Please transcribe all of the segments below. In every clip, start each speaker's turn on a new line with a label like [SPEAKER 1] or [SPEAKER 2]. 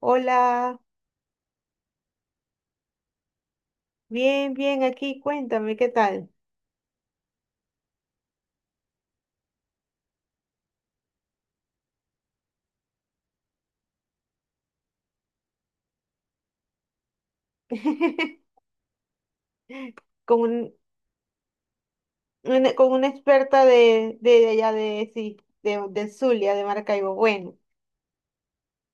[SPEAKER 1] Hola, bien, bien, aquí, cuéntame, ¿qué tal? Con, un- una, con una experta de allá de, sí, de Zulia, de Maracaibo. Bueno,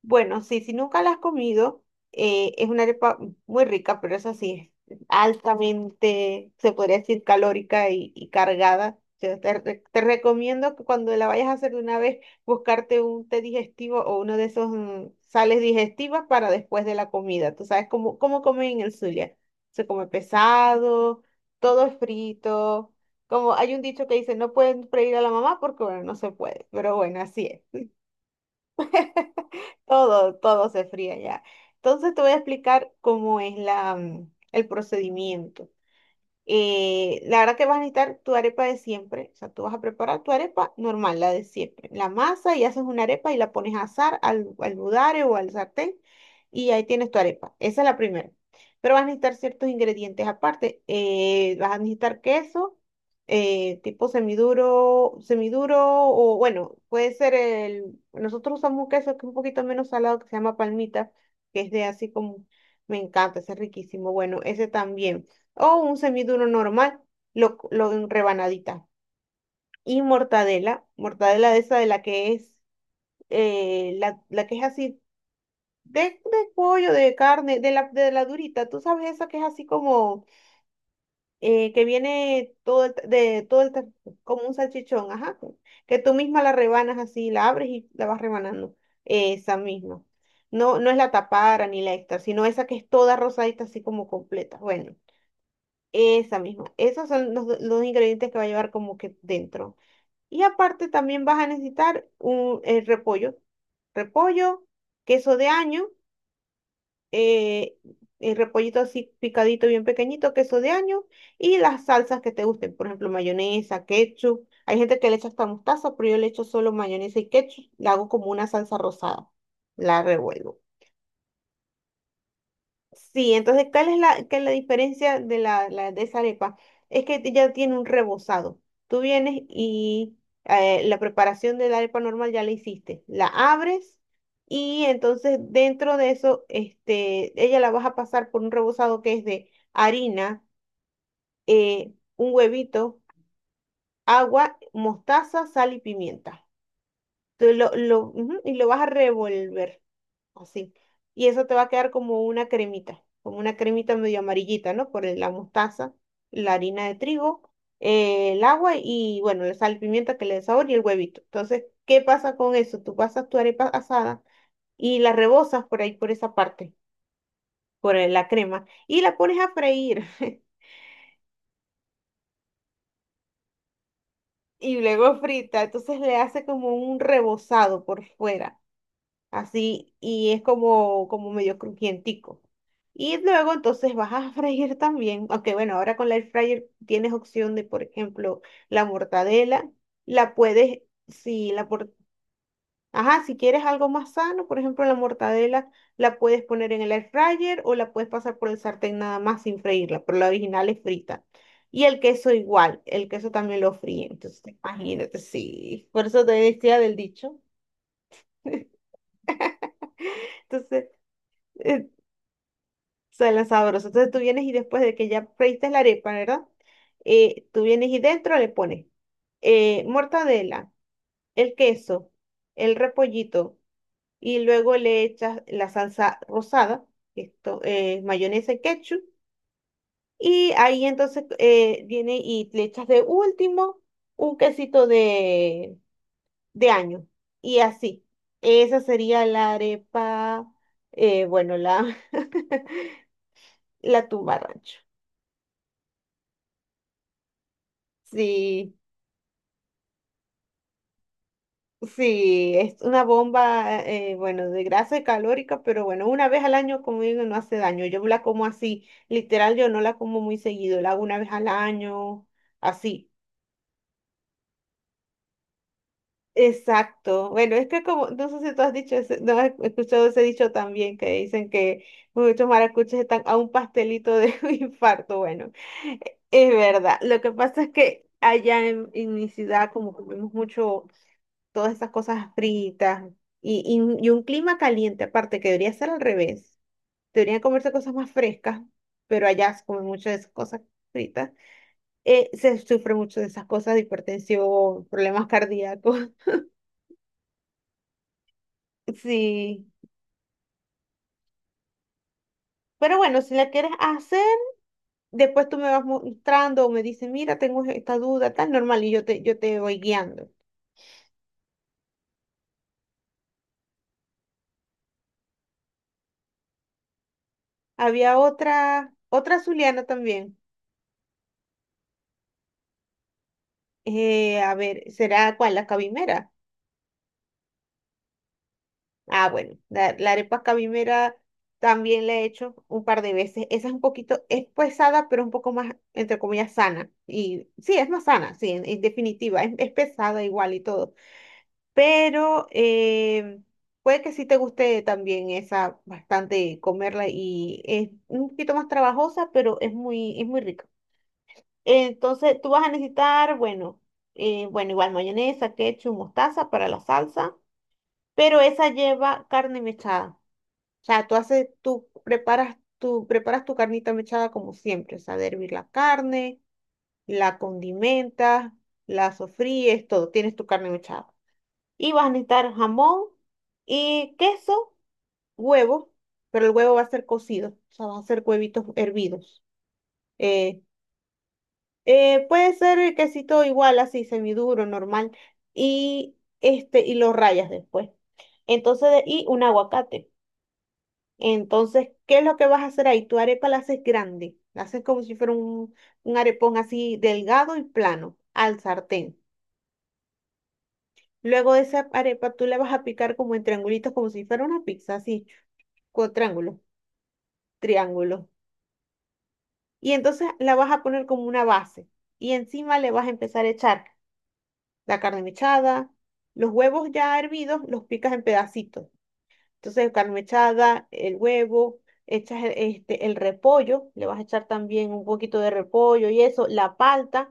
[SPEAKER 1] Bueno, sí, si nunca la has comido, es una arepa muy rica, pero eso sí, es altamente, se podría decir, calórica y cargada. O sea, te recomiendo que cuando la vayas a hacer de una vez, buscarte un té digestivo o uno de esos sales digestivas para después de la comida. Tú sabes cómo comen en el Zulia. Se come pesado, todo es frito. Como hay un dicho que dice, no pueden freír a la mamá porque, bueno, no se puede. Pero bueno, así es. Todo se fría ya. Entonces te voy a explicar cómo es el procedimiento. La verdad que vas a necesitar tu arepa de siempre. O sea, tú vas a preparar tu arepa normal, la de siempre. La masa y haces una arepa y la pones a asar al budare o al sartén y ahí tienes tu arepa. Esa es la primera. Pero vas a necesitar ciertos ingredientes aparte. Vas a necesitar queso, tipo semiduro o bueno, puede ser el... Nosotros usamos un queso que es un poquito menos salado que se llama palmita, que es de así como... Me encanta, ese es riquísimo. Bueno, ese también o un semiduro normal, lo en rebanadita. Y mortadela, mortadela de esa de la que es, la que es así de pollo, de carne, de la durita, tú sabes esa que es así como, que viene todo el, como un salchichón, ajá, que tú misma la rebanas así, la abres y la vas rebanando, esa misma. No es la tapara ni la extra, sino esa que es toda rosadita, así como completa. Bueno, esa misma. Esos son los ingredientes que va a llevar como que dentro. Y aparte también vas a necesitar un el repollo. Repollo, queso de año, eh, el repollito así picadito, bien pequeñito, queso de año y las salsas que te gusten. Por ejemplo, mayonesa, ketchup. Hay gente que le echa hasta mostaza, pero yo le echo solo mayonesa y ketchup. La hago como una salsa rosada. La revuelvo. Sí, entonces, ¿qué es la diferencia de esa arepa? Es que ya tiene un rebozado. Tú vienes y la preparación de la arepa normal ya la hiciste. La abres y entonces dentro de eso, este, ella la vas a pasar por un rebozado que es de harina, un huevito, agua, mostaza, sal y pimienta. Tú lo, ujú, y lo vas a revolver así. Y eso te va a quedar como una cremita medio amarillita, ¿no? Por la mostaza, la harina de trigo, el agua y, bueno, la sal y pimienta que le dé sabor y el huevito. Entonces, ¿qué pasa con eso? Tú pasas tu arepa asada y la rebozas por ahí, por esa parte, por la crema, y la pones a freír. Y luego frita, entonces le hace como un rebozado por fuera. Así, y es como, como medio crujientico. Y luego entonces vas a freír también, aunque bueno, ahora con la air fryer tienes opción de, por ejemplo, la mortadela, la puedes, si la por- ajá, si quieres algo más sano, por ejemplo, la mortadela la puedes poner en el air fryer o la puedes pasar por el sartén nada más sin freírla, pero la original es frita. Y el queso igual, el queso también lo fríe, entonces imagínate, sí, por eso te decía del dicho. Entonces, eh, Suena sabroso. Entonces tú vienes y después de que ya freíste la arepa, ¿verdad? Tú vienes y dentro le pones mortadela, el queso, el repollito y luego le echas la salsa rosada, esto, mayonesa y ketchup. Y ahí entonces viene y le echas de último un quesito de año. Y así. Esa sería la arepa, eh, bueno, la, la tumba rancho. Sí. Sí, es una bomba, bueno, de grasa y calórica, pero bueno, una vez al año, como digo, no hace daño. Yo la como así, literal, yo no la como muy seguido, la hago una vez al año, así. Exacto. Bueno, es que como, no sé si tú has dicho ese, no has escuchado ese dicho también, que dicen que muchos maracuchos están a un pastelito de un infarto. Bueno, e, es verdad. Lo que pasa es que allá en mi ciudad, como comemos mucho todas esas cosas fritas y un clima caliente aparte, que debería ser al revés. Deberían comerse cosas más frescas, pero allá se comen mucho de esas cosas fritas. Se sufre mucho de esas cosas, de hipertensión, problemas cardíacos. Sí. Pero bueno, si la quieres hacer, después tú me vas mostrando o me dices, mira, tengo esta duda, tan normal, yo te voy guiando. Había otra, otra zuliana también. A ver, ¿será cuál? La cabimera. Ah, bueno, la arepa cabimera también la he hecho un par de veces. Esa es un poquito, es pesada, pero un poco más, entre comillas, sana. Y sí, es más sana, sí, en definitiva, es pesada igual y todo. Pero puede que sí te guste también esa bastante comerla y es un poquito más trabajosa, pero es es muy rica. Entonces, tú vas a necesitar, bueno, bueno, igual mayonesa, ketchup, mostaza para la salsa, pero esa lleva carne mechada. O sea, tú preparas tu carnita mechada como siempre, o sea, de hervir la carne, la condimentas, la sofríes, todo, tienes tu carne mechada. Y vas a necesitar jamón y queso, huevo, pero el huevo va a ser cocido, o sea, va a ser huevitos hervidos. Eh, Puede ser el quesito igual, así, semiduro, normal, y este, y lo rayas después. Entonces, y un aguacate. Entonces, ¿qué es lo que vas a hacer ahí? Tu arepa la haces grande, la haces como si fuera un arepón así delgado y plano al sartén. Luego de esa arepa tú la vas a picar como en triangulitos, como si fuera una pizza, así, con triángulos. Y entonces la vas a poner como una base y encima le vas a empezar a echar la carne mechada, los huevos ya hervidos, los picas en pedacitos. Entonces, carne mechada, el huevo, echas el repollo, le vas a echar también un poquito de repollo y eso, la palta,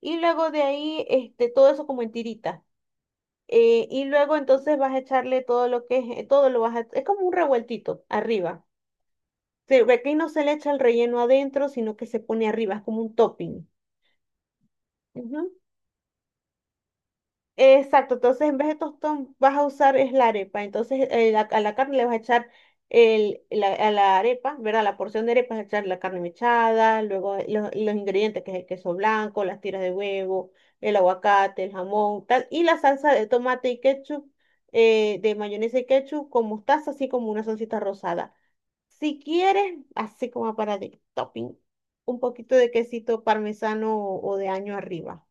[SPEAKER 1] y luego de ahí, este, todo eso como en tiritas. Y luego entonces vas a echarle todo lo que es, todo lo vas a, es como un revueltito arriba. Se ve que no se le echa el relleno adentro, sino que se pone arriba, es como un topping. Ujú. Exacto, entonces en vez de tostón vas a usar es la arepa, entonces a la carne le vas a echar a la arepa, ¿verdad? La porción de arepa vas a echar la carne mechada, luego los ingredientes que es el queso blanco, las tiras de huevo, el aguacate, el jamón, tal, y la salsa de tomate y ketchup, de mayonesa y ketchup con mostaza, así como una salsita rosada. Si quieres, así como para de topping, un poquito de quesito parmesano o de año arriba.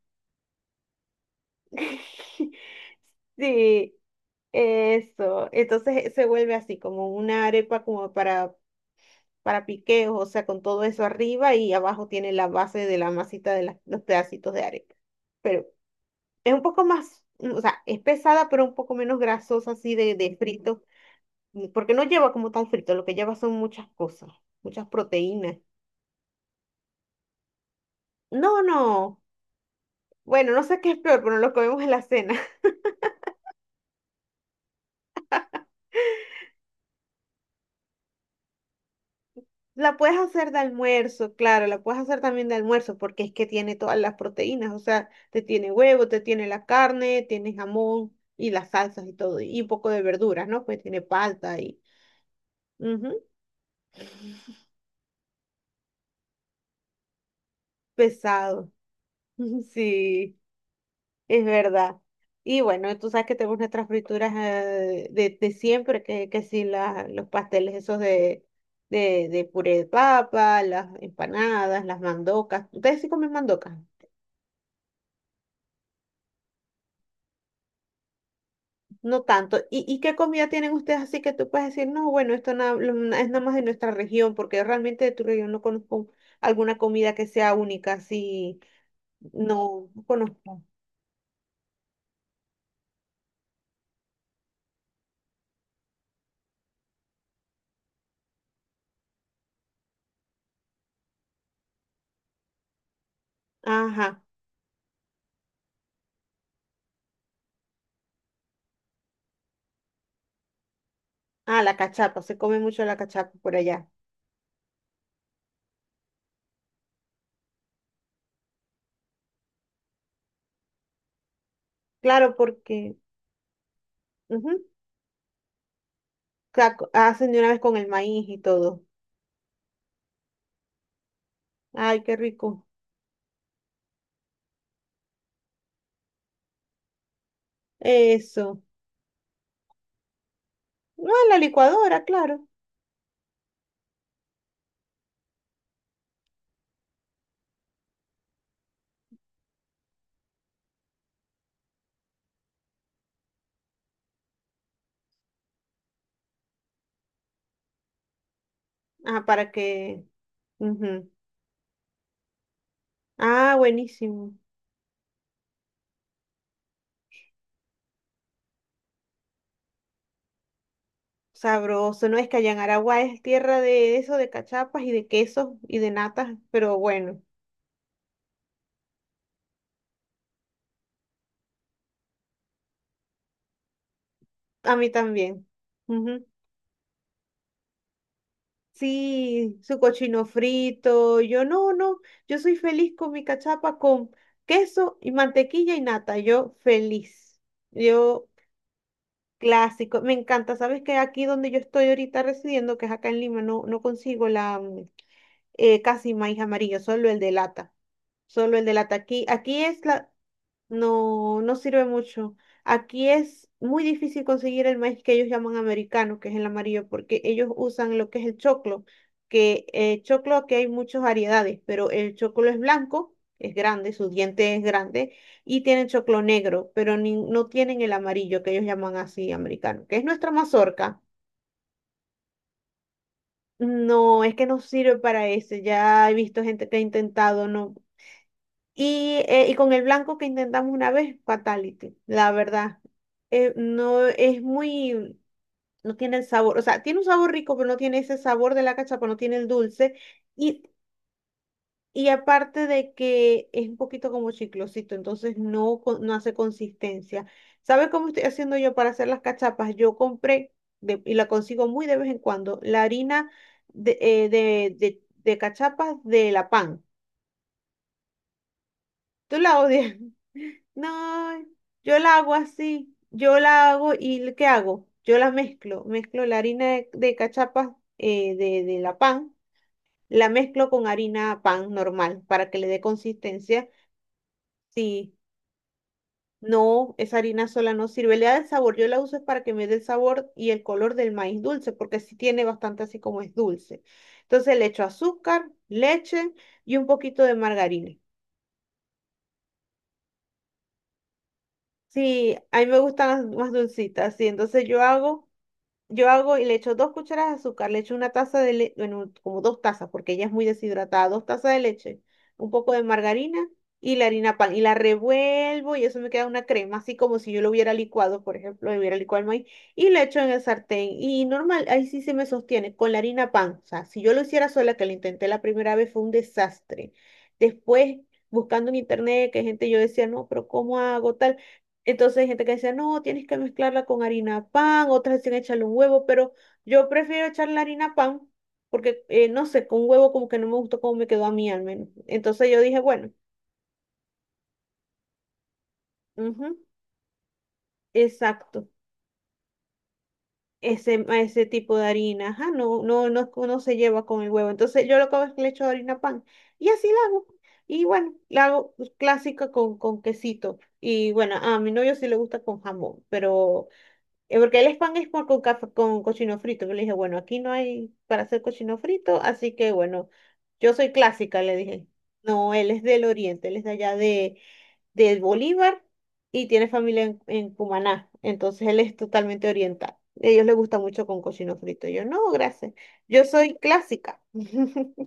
[SPEAKER 1] Sí, eso, entonces se vuelve así, como una arepa como para piqueos, o sea, con todo eso arriba y abajo tiene la base de la masita de los pedacitos de arepa. Pero es un poco más, mm, o sea, es pesada, pero un poco menos grasosa así de frito, mm, porque no lleva como tal frito, lo que lleva son muchas cosas, muchas proteínas. No, bueno, no sé qué es peor, pero nos lo comemos en la cena. La puedes hacer de almuerzo, claro, la puedes hacer también de almuerzo porque es que tiene todas las proteínas, o sea, te tiene huevo, te tiene la carne, tiene jamón y las salsas y todo, y un poco de verduras, ¿no? Pues tiene palta y ujú, pesado. Sí, es verdad. Y bueno, tú sabes que tenemos nuestras frituras de siempre, que sí, los pasteles esos de puré de papa, las empanadas, las mandocas. ¿Ustedes sí comen mandocas? No tanto. ¿Y qué comida tienen ustedes así que tú puedes decir, no, bueno, esto na- lo- na- es nada más de nuestra región, porque realmente de tu región no conozco alguna comida que sea única, así, no conozco. Ajá. Ah, la cachapa, se come mucho la cachapa por allá. Claro, porque ujú, hacen de una vez con el maíz y todo. Ay, qué rico. Eso. No, en la licuadora, claro. Ah, para que... ujú. Ah, buenísimo. Sabroso, no es que allá en Aragua es tierra de eso, de cachapas y de quesos y de natas, pero bueno, a mí también. Ujú. Sí, su cochino frito, yo no, no, yo soy feliz con mi cachapa con queso y mantequilla y nata, yo feliz. Yo clásico, me encanta. Sabes que aquí donde yo estoy ahorita residiendo, que es acá en Lima, no, no consigo la casi maíz amarillo, solo el de lata, solo el de lata. Aquí, aquí es la... No, no sirve mucho. Aquí es muy difícil conseguir el maíz que ellos llaman americano, que es el amarillo, porque ellos usan lo que es el choclo, que choclo aquí hay muchas variedades, pero el choclo es blanco, es grande, su diente es grande, y tienen choclo negro, pero no tienen el amarillo que ellos llaman así americano, que es nuestra mazorca. No, es que no sirve para ese. Ya he visto gente que ha intentado, no. Y con el blanco que intentamos una vez, fatality, la verdad. No es muy, no tiene el sabor, o sea, tiene un sabor rico, pero no tiene ese sabor de la cachapa, no tiene el dulce. Y, y aparte de que es un poquito como chiclosito, entonces no, no hace consistencia. ¿Sabes cómo estoy haciendo yo para hacer las cachapas? Yo compré, y la consigo muy de vez en cuando, la harina de cachapas de la pan. Tú la odias. No, yo la hago así. Yo la hago y ¿qué hago? Yo la mezclo. Mezclo la harina de cachapas de la pan. La mezclo con harina pan normal para que le dé consistencia. Si no, esa harina sola no sirve. Le da el sabor. Yo la uso es para que me dé el sabor y el color del maíz dulce, porque sí tiene bastante así como es dulce. Entonces le echo azúcar, leche y un poquito de margarina. Sí, a mí me gustan las más dulcitas, sí. Entonces yo hago y le echo dos cucharadas de azúcar, le echo una taza de leche, bueno, como dos tazas, porque ella es muy deshidratada, dos tazas de leche, un poco de margarina y la harina pan, y la revuelvo y eso me queda una crema, así como si yo lo hubiera licuado, por ejemplo, y hubiera licuado el maíz, y lo echo en el sartén. Y normal, ahí sí se me sostiene, con la harina pan. O sea, si yo lo hiciera sola, que lo intenté la primera vez, fue un desastre. Después, buscando en internet, que gente yo decía, no, pero ¿cómo hago tal? Entonces hay gente que dice, no, tienes que mezclarla con harina pan, otras dicen echarle un huevo, pero yo prefiero echarle harina pan porque, no sé, con huevo como que no me gustó cómo me quedó a mí al menos. Entonces yo dije, bueno, ujú, exacto, ese, a ese tipo de harina, ajá, no, no, no, no se lleva con el huevo. Entonces yo lo que hago es que le echo harina pan y así la hago. Y bueno, la hago pues, clásica con quesito. Y bueno, a mi novio sí le gusta con jamón, pero porque el pan es con, con cochino frito. Yo le dije, bueno, aquí no hay para hacer cochino frito, así que bueno, yo soy clásica, le dije. No, él es del oriente, él es de allá de Bolívar y tiene familia en Cumaná, entonces él es totalmente oriental. A ellos les gusta mucho con cochino frito. Yo, no, gracias. Yo soy clásica.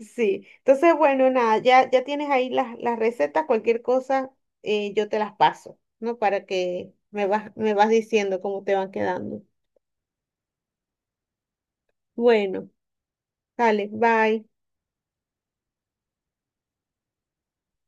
[SPEAKER 1] Sí, entonces bueno, nada, ya, ya tienes ahí las recetas, cualquier cosa yo te las paso, ¿no? Para que me vas diciendo cómo te van quedando. Bueno, dale, bye.